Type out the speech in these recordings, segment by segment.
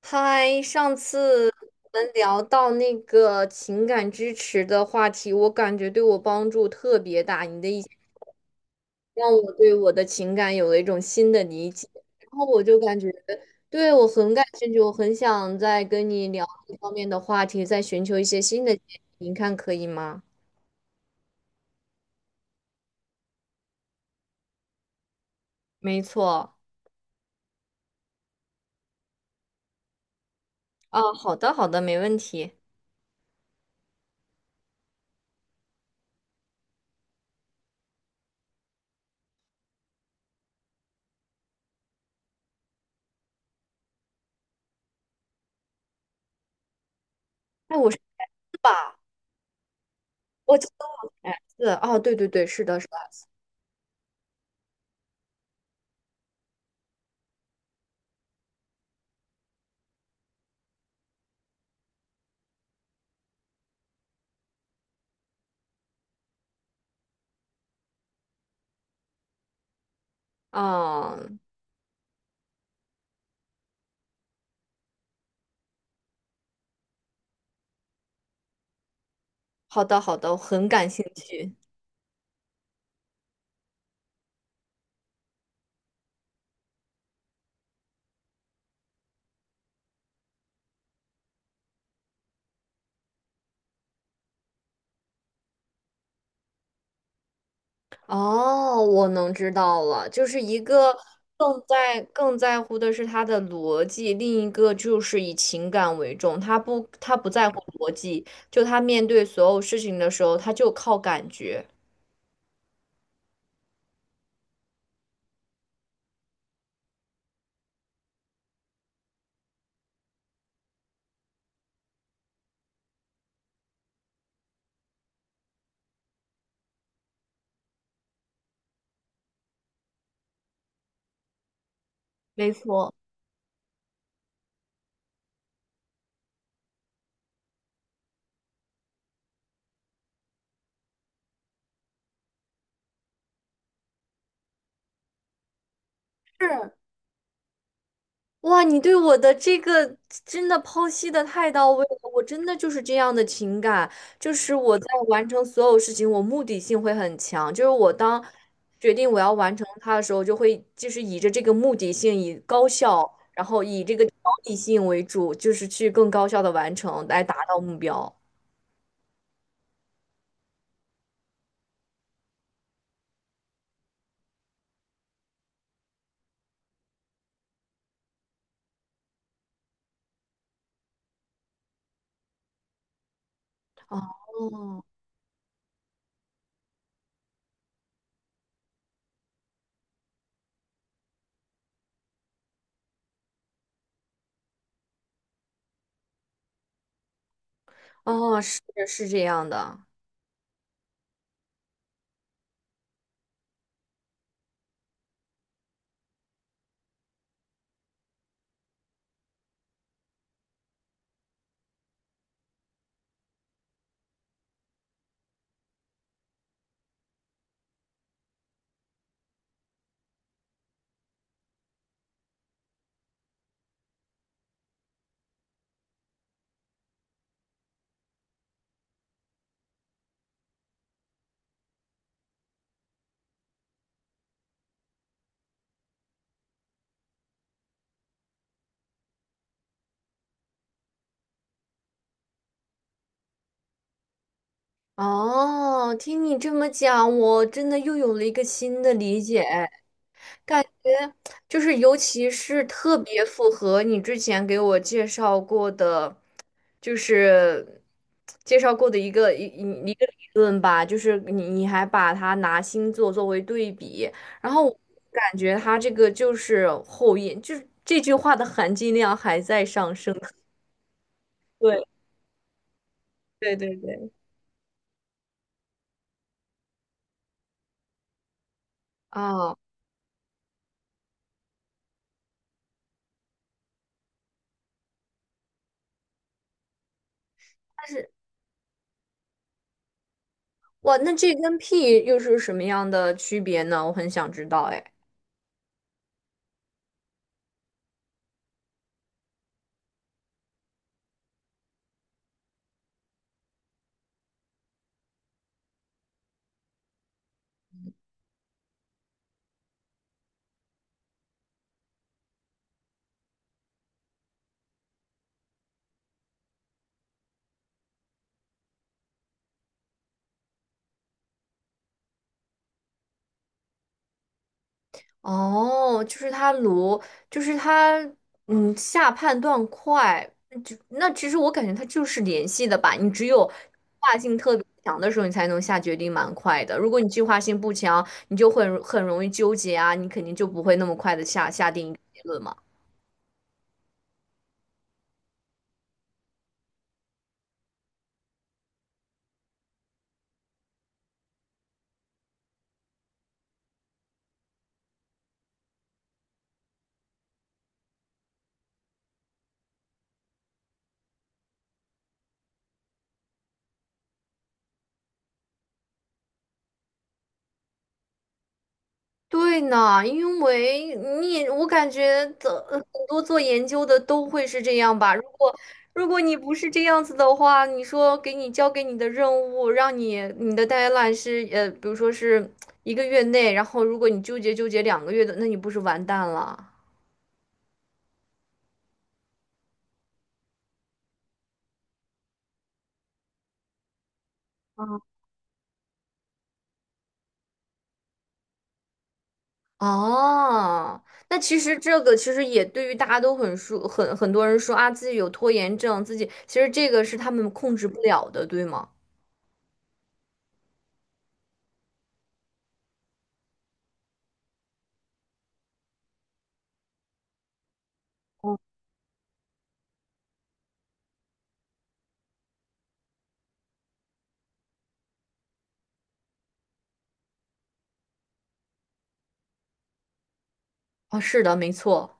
嗨，上次我们聊到那个情感支持的话题，我感觉对我帮助特别大。你的意见让我对我的情感有了一种新的理解，然后我就感觉对我很感兴趣，我很想再跟你聊这方面的话题，再寻求一些新的建议，您看可以吗？没错。啊，好的，好的，没问题。哎，我是吧？我哎是哦，对对对，是的，是的。啊，好的，好的，我很感兴趣。哦，我能知道了，就是一个更在乎的是他的逻辑，另一个就是以情感为重，他不在乎逻辑，就他面对所有事情的时候，他就靠感觉。没错，是，哇，你对我的这个真的剖析的太到位了，我真的就是这样的情感，就是我在完成所有事情，我目的性会很强，就是我当决定我要完成它的时候，就会就是以着这个目的性，以高效，然后以这个目的性为主，就是去更高效的完成，来达到目标。哦哦，是这样的。哦，听你这么讲，我真的又有了一个新的理解。感觉就是尤其是特别符合你之前给我介绍过的，就是介绍过的一个一一一个理论吧，就是你还把它拿星座作为对比，然后我感觉它这个就是后印，就是这句话的含金量还在上升。对对对对。啊，哇，那这跟 P 又是什么样的区别呢？我很想知道，哎。哦，就是他卢，就是他，嗯，下判断快，就那其实我感觉他就是联系的吧。你只有计划性特别强的时候，你才能下决定蛮快的。如果你计划性不强，你就会很容易纠结啊，你肯定就不会那么快的下定一个结论嘛。对呢，因为你也我感觉的很多做研究的都会是这样吧。如果你不是这样子的话，你说给你交给你的任务，让你的 deadline 是比如说是1个月内，然后如果你纠结2个月的，那你不是完蛋了？啊？哦，那其实这个其实也对于大家都很说，很多人说啊，自己有拖延症，自己其实这个是他们控制不了的，对吗？啊，是的，没错。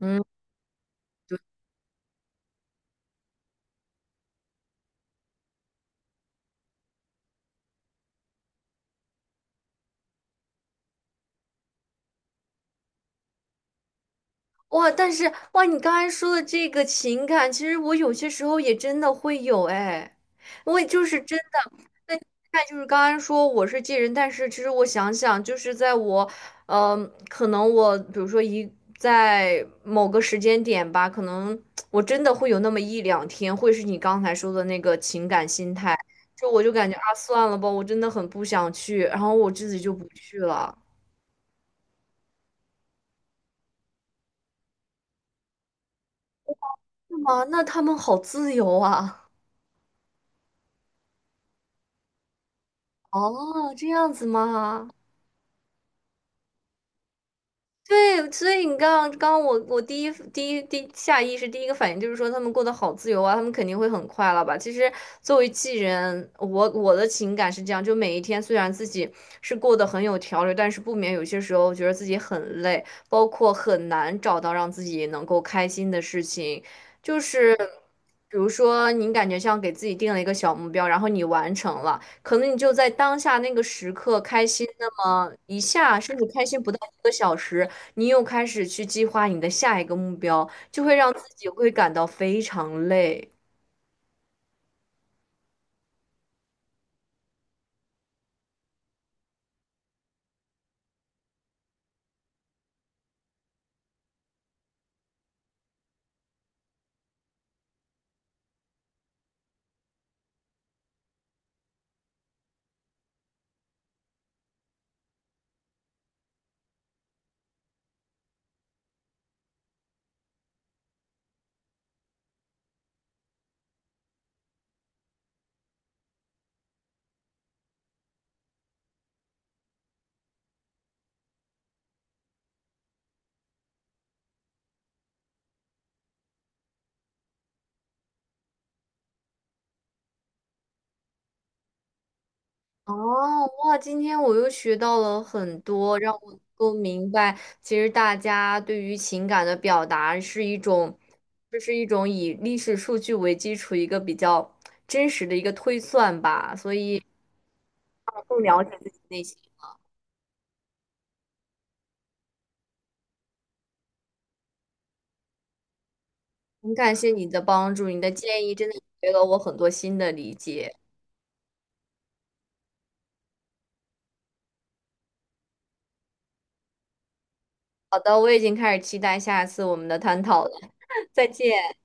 嗯。哇，但是哇，你刚才说的这个情感，其实我有些时候也真的会有哎，我也就是真的。那你看，就是刚才说我是 J 人，但是其实我想想，就是在我，嗯、可能我比如说一在某个时间点吧，可能我真的会有那么一两天，会是你刚才说的那个情感心态，就我就感觉啊，算了吧，我真的很不想去，然后我自己就不去了。是吗？那他们好自由啊。哦，这样子吗？对，所以你刚刚我第一第一第下意识第一个反应就是说他们过得好自由啊，他们肯定会很快乐吧？其实作为艺人，我的情感是这样，就每一天虽然自己是过得很有条理，但是不免有些时候觉得自己很累，包括很难找到让自己能够开心的事情，就是比如说你感觉像给自己定了一个小目标，然后你完成了，可能你就在当下那个时刻开心那么一下，甚至开心不到1个小时。你又开始去计划你的下一个目标，就会让自己会感到非常累。哦，哇，今天我又学到了很多，让我能够明白，其实大家对于情感的表达是一种，这是一种以历史数据为基础一个比较真实的一个推算吧，所以让我更了解自己内心。很感谢你的帮助，你的建议真的给了我很多新的理解。好的，我已经开始期待下次我们的探讨了。再见。